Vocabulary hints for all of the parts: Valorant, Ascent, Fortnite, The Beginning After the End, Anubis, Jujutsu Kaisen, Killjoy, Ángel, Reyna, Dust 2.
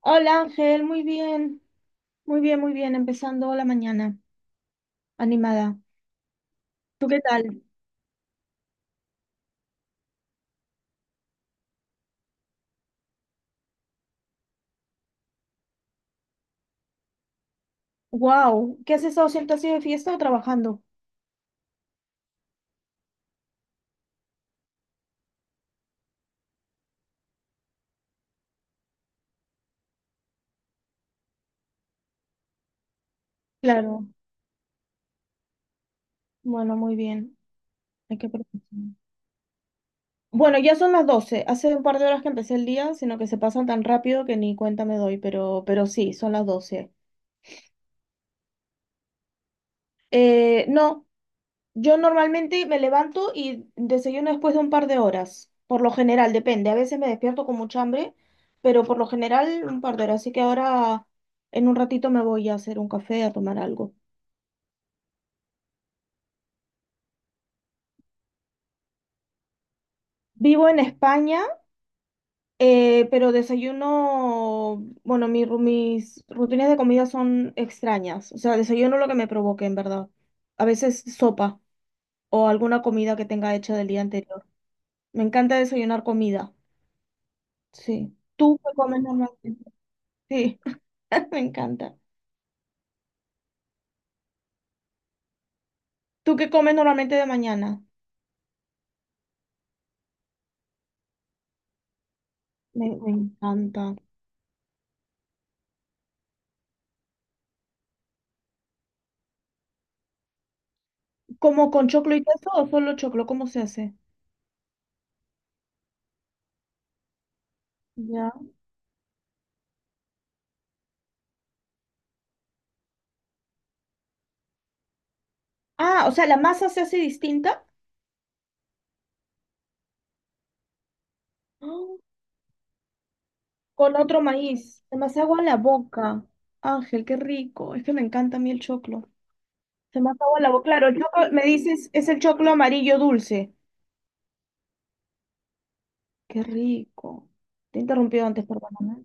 Hola Ángel, muy bien, muy bien, muy bien, empezando la mañana, animada. ¿Tú qué tal? Wow, ¿qué has estado haciendo? ¿Has sido de fiesta o trabajando? Claro, bueno, muy bien, hay que aprovechar. Bueno, ya son las 12. Hace un par de horas que empecé el día, sino que se pasan tan rápido que ni cuenta me doy, pero sí, son las 12. No, yo normalmente me levanto y desayuno después de un par de horas, por lo general, depende. A veces me despierto con mucha hambre, pero por lo general un par de horas. Así que ahora en un ratito me voy a hacer un café, a tomar algo. Vivo en España, pero desayuno, bueno, mis rutinas de comida son extrañas. O sea, desayuno lo que me provoque, en verdad. A veces sopa o alguna comida que tenga hecha del día anterior. Me encanta desayunar comida. Sí. ¿Tú qué comes normalmente? Sí. Me encanta. ¿Tú qué comes normalmente de mañana? Me encanta. ¿Como con choclo y queso o solo choclo? ¿Cómo se hace? Ya. Ah, o sea, la masa se hace distinta. Ah, con otro maíz. Se me hace agua en la boca. Ángel, qué rico. Es que me encanta a mí el choclo. Se me hace agua en la boca. Claro, el choclo, me dices, es el choclo amarillo dulce. Qué rico. Te he interrumpido antes, perdóname.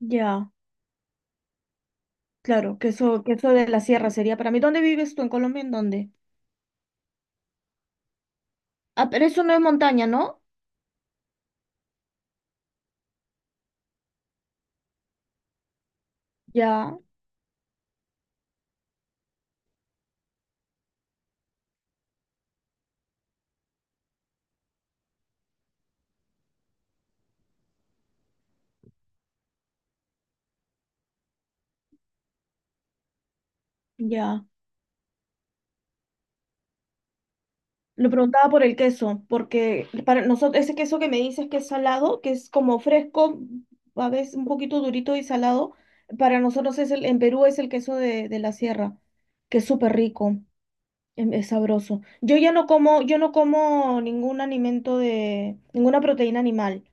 Ya, claro, queso, queso de la sierra sería para mí. ¿Dónde vives tú? ¿En Colombia? ¿En dónde? Ah, pero eso no es montaña, ¿no? Ya, ya. Lo preguntaba por el queso, porque para nosotros ese queso que me dices que es salado, que es como fresco, a veces un poquito durito y salado, para nosotros es el, en Perú es el queso de la sierra, que es súper rico, es, sabroso. Yo ya no como, yo no como ningún alimento de, ninguna proteína animal,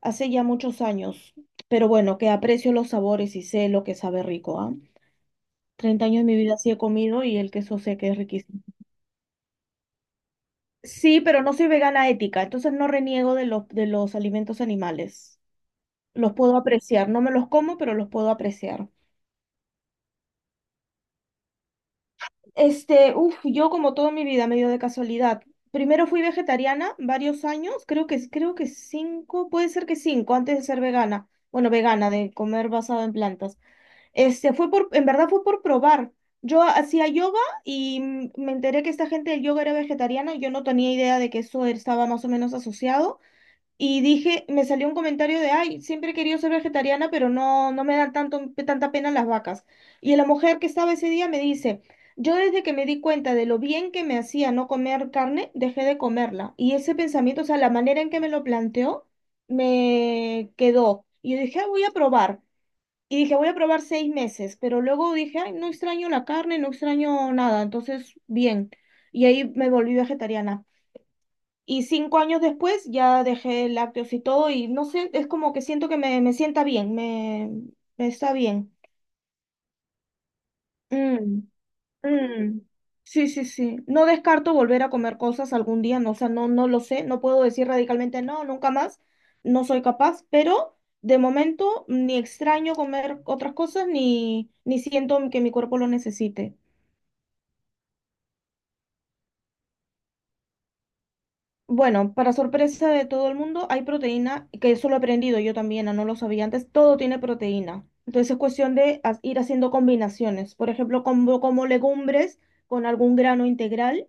hace ya muchos años, pero bueno, que aprecio los sabores y sé lo que sabe rico, ¿ah? 30 años de mi vida sí he comido y el queso sé que es riquísimo. Sí, pero no soy vegana ética, entonces no reniego de los alimentos animales. Los puedo apreciar, no me los como, pero los puedo apreciar. Este, uff, yo como toda mi vida, medio de casualidad. Primero fui vegetariana varios años, creo que cinco, puede ser que cinco, antes de ser vegana. Bueno, vegana, de comer basado en plantas. Este, fue por, en verdad fue por probar. Yo hacía yoga y me enteré que esta gente del yoga era vegetariana y yo no tenía idea de que eso estaba más o menos asociado. Y dije, me salió un comentario de, ay, siempre he querido ser vegetariana, pero no me dan tanto, tanta pena las vacas. Y la mujer que estaba ese día me dice, yo desde que me di cuenta de lo bien que me hacía no comer carne, dejé de comerla. Y ese pensamiento, o sea, la manera en que me lo planteó, me quedó. Y yo dije, "Ah, voy a probar". Y dije, voy a probar 6 meses, pero luego dije, ay, no extraño la carne, no extraño nada, entonces, bien. Y ahí me volví vegetariana. Y 5 años después ya dejé lácteos y todo y no sé, es como que siento que me sienta bien, me está bien. Mm, mm. Sí, sí, sí. No descarto volver a comer cosas algún día, no, o sea, no, no lo sé, no puedo decir radicalmente no, nunca más, no soy capaz, pero de momento ni extraño comer otras cosas ni, ni siento que mi cuerpo lo necesite. Bueno, para sorpresa de todo el mundo, hay proteína, que eso lo he aprendido yo también, no lo sabía antes, todo tiene proteína. Entonces es cuestión de ir haciendo combinaciones. Por ejemplo, como, como legumbres con algún grano integral,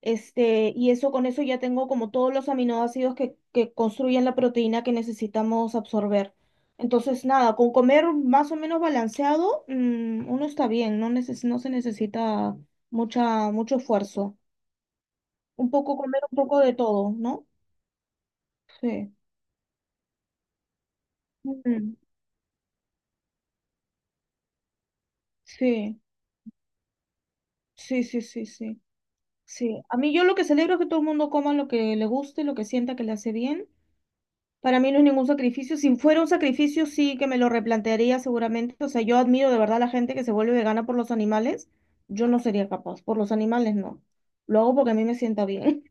este, y eso con eso ya tengo como todos los aminoácidos que construyen la proteína que necesitamos absorber. Entonces, nada, con comer más o menos balanceado, uno está bien, no se necesita mucha, mucho esfuerzo. Un poco comer, un poco de todo, ¿no? Sí. Mm, sí, sí, sí, sí, sí, sí. A mí yo lo que celebro es que todo el mundo coma lo que le guste, lo que sienta que le hace bien. Para mí no es ningún sacrificio. Si fuera un sacrificio, sí que me lo replantearía seguramente. O sea, yo admiro de verdad a la gente que se vuelve vegana por los animales. Yo no sería capaz. Por los animales no. Lo hago porque a mí me sienta bien.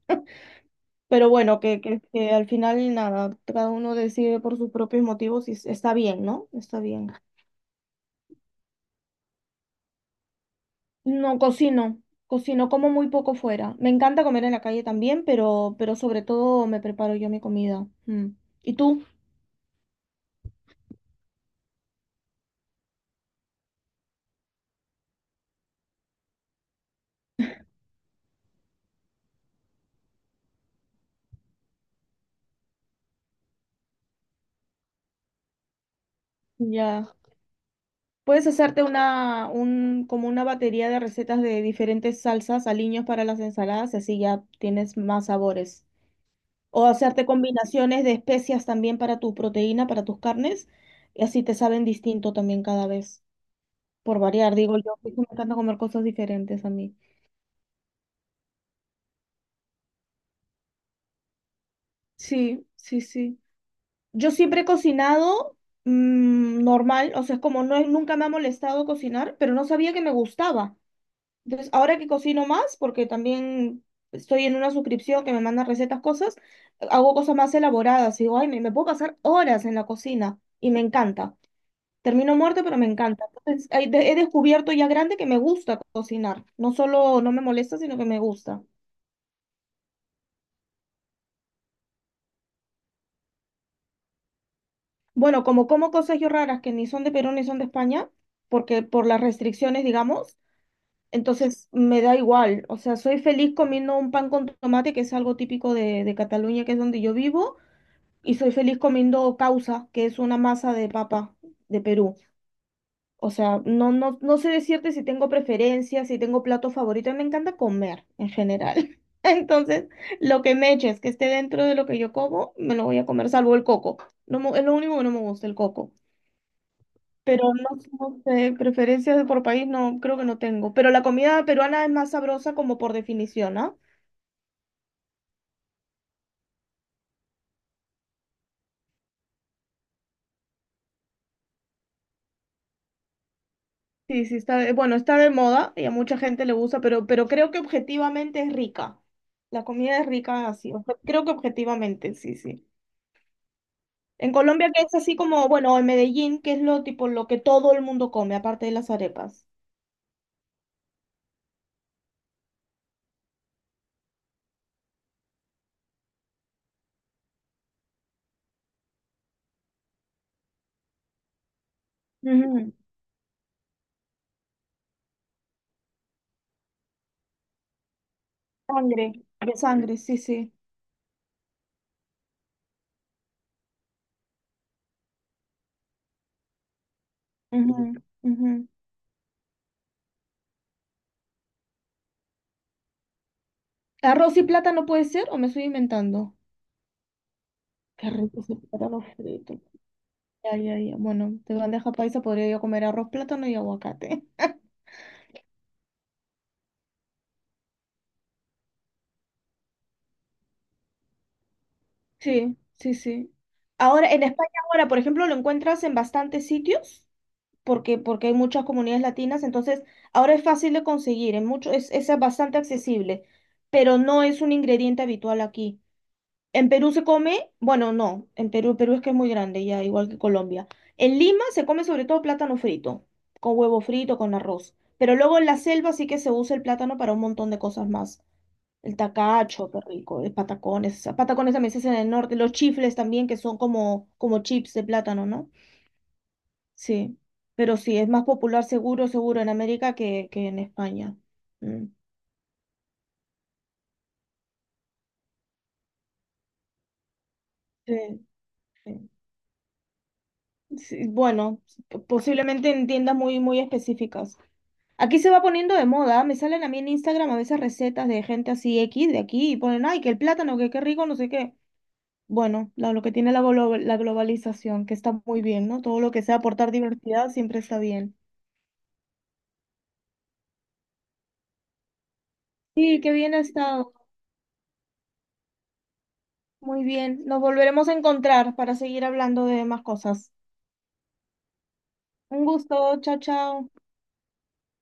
Pero bueno, que al final nada, cada uno decide por sus propios motivos y está bien, ¿no? Está bien. No cocino, cocino como muy poco fuera. Me encanta comer en la calle también, pero sobre todo me preparo yo mi comida. Mm. ¿Y tú? Ya. Puedes hacerte como una batería de recetas de diferentes salsas, aliños para las ensaladas, y así ya tienes más sabores. O hacerte combinaciones de especias también para tu proteína, para tus carnes, y así te saben distinto también cada vez, por variar, digo yo, porque me encanta comer cosas diferentes a mí. Sí, sí, sí. Yo siempre he cocinado normal, o sea, es como no, nunca me ha molestado cocinar, pero no sabía que me gustaba. Entonces, ahora que cocino más, porque también estoy en una suscripción que me manda recetas, cosas, hago cosas más elaboradas. Y digo, ay, me puedo pasar horas en la cocina y me encanta. Termino muerta, pero me encanta. Entonces, he descubierto ya grande que me gusta cocinar. No solo no me molesta, sino que me gusta. Bueno, como como cosas yo raras que ni son de Perú ni son de España, porque por las restricciones, digamos. Entonces me da igual, o sea, soy feliz comiendo un pan con tomate, que es algo típico de Cataluña, que es donde yo vivo, y soy feliz comiendo causa, que es una masa de papa de Perú. O sea, no, no, no sé decirte si tengo preferencias, si tengo plato favorito, me encanta comer en general. Entonces, lo que me eches, que esté dentro de lo que yo como, me lo voy a comer, salvo el coco. No, es lo único que no me gusta, el coco. Pero no, sé, no sé, preferencias por país no, creo que no tengo. Pero la comida peruana es más sabrosa como por definición, ¿ah? Sí, sí, está de, bueno, está de moda y a mucha gente le gusta, pero creo que objetivamente es rica. La comida es rica así, o sea, creo que objetivamente, sí, sí. En Colombia que es así como, bueno, en Medellín, que es lo tipo lo que todo el mundo come, aparte de las arepas. Ujú. Sangre, de sangre, sí, sí. Ujú, ujú. ¿Arroz y plátano puede ser o me estoy inventando? Qué rico ese plátano frito. Ya, ya, ya. Bueno, de bandeja paisa podría yo comer arroz, plátano y aguacate. Sí, sí, sí. Ahora, en España ahora, por ejemplo, lo encuentras en bastantes sitios, porque hay muchas comunidades latinas, entonces ahora es fácil de conseguir, en mucho, es bastante accesible, pero no es un ingrediente habitual aquí. En Perú se come, bueno, no, en Perú, Perú es que es muy grande, ya, igual que Colombia. En Lima se come sobre todo plátano frito, con huevo frito, con arroz. Pero luego en la selva sí que se usa el plátano para un montón de cosas más. El tacacho, qué rico. El patacones. Ah, Patacones también se hacen en el norte. Los chifles también, que son como, como chips de plátano, ¿no? Sí. Pero sí, es más popular seguro, seguro en América que en España. Mm. Sí, sí. Sí, bueno, posiblemente en tiendas muy, muy específicas. Aquí se va poniendo de moda. Me salen a mí en Instagram a veces recetas de gente así X de aquí y ponen, ay, que el plátano, que qué rico, no sé qué. Bueno, lo que tiene la, la globalización, que está muy bien, ¿no? Todo lo que sea aportar diversidad siempre está bien. Sí, qué bien ha estado. Muy bien. Nos volveremos a encontrar para seguir hablando de más cosas. Un gusto. Chao, chao.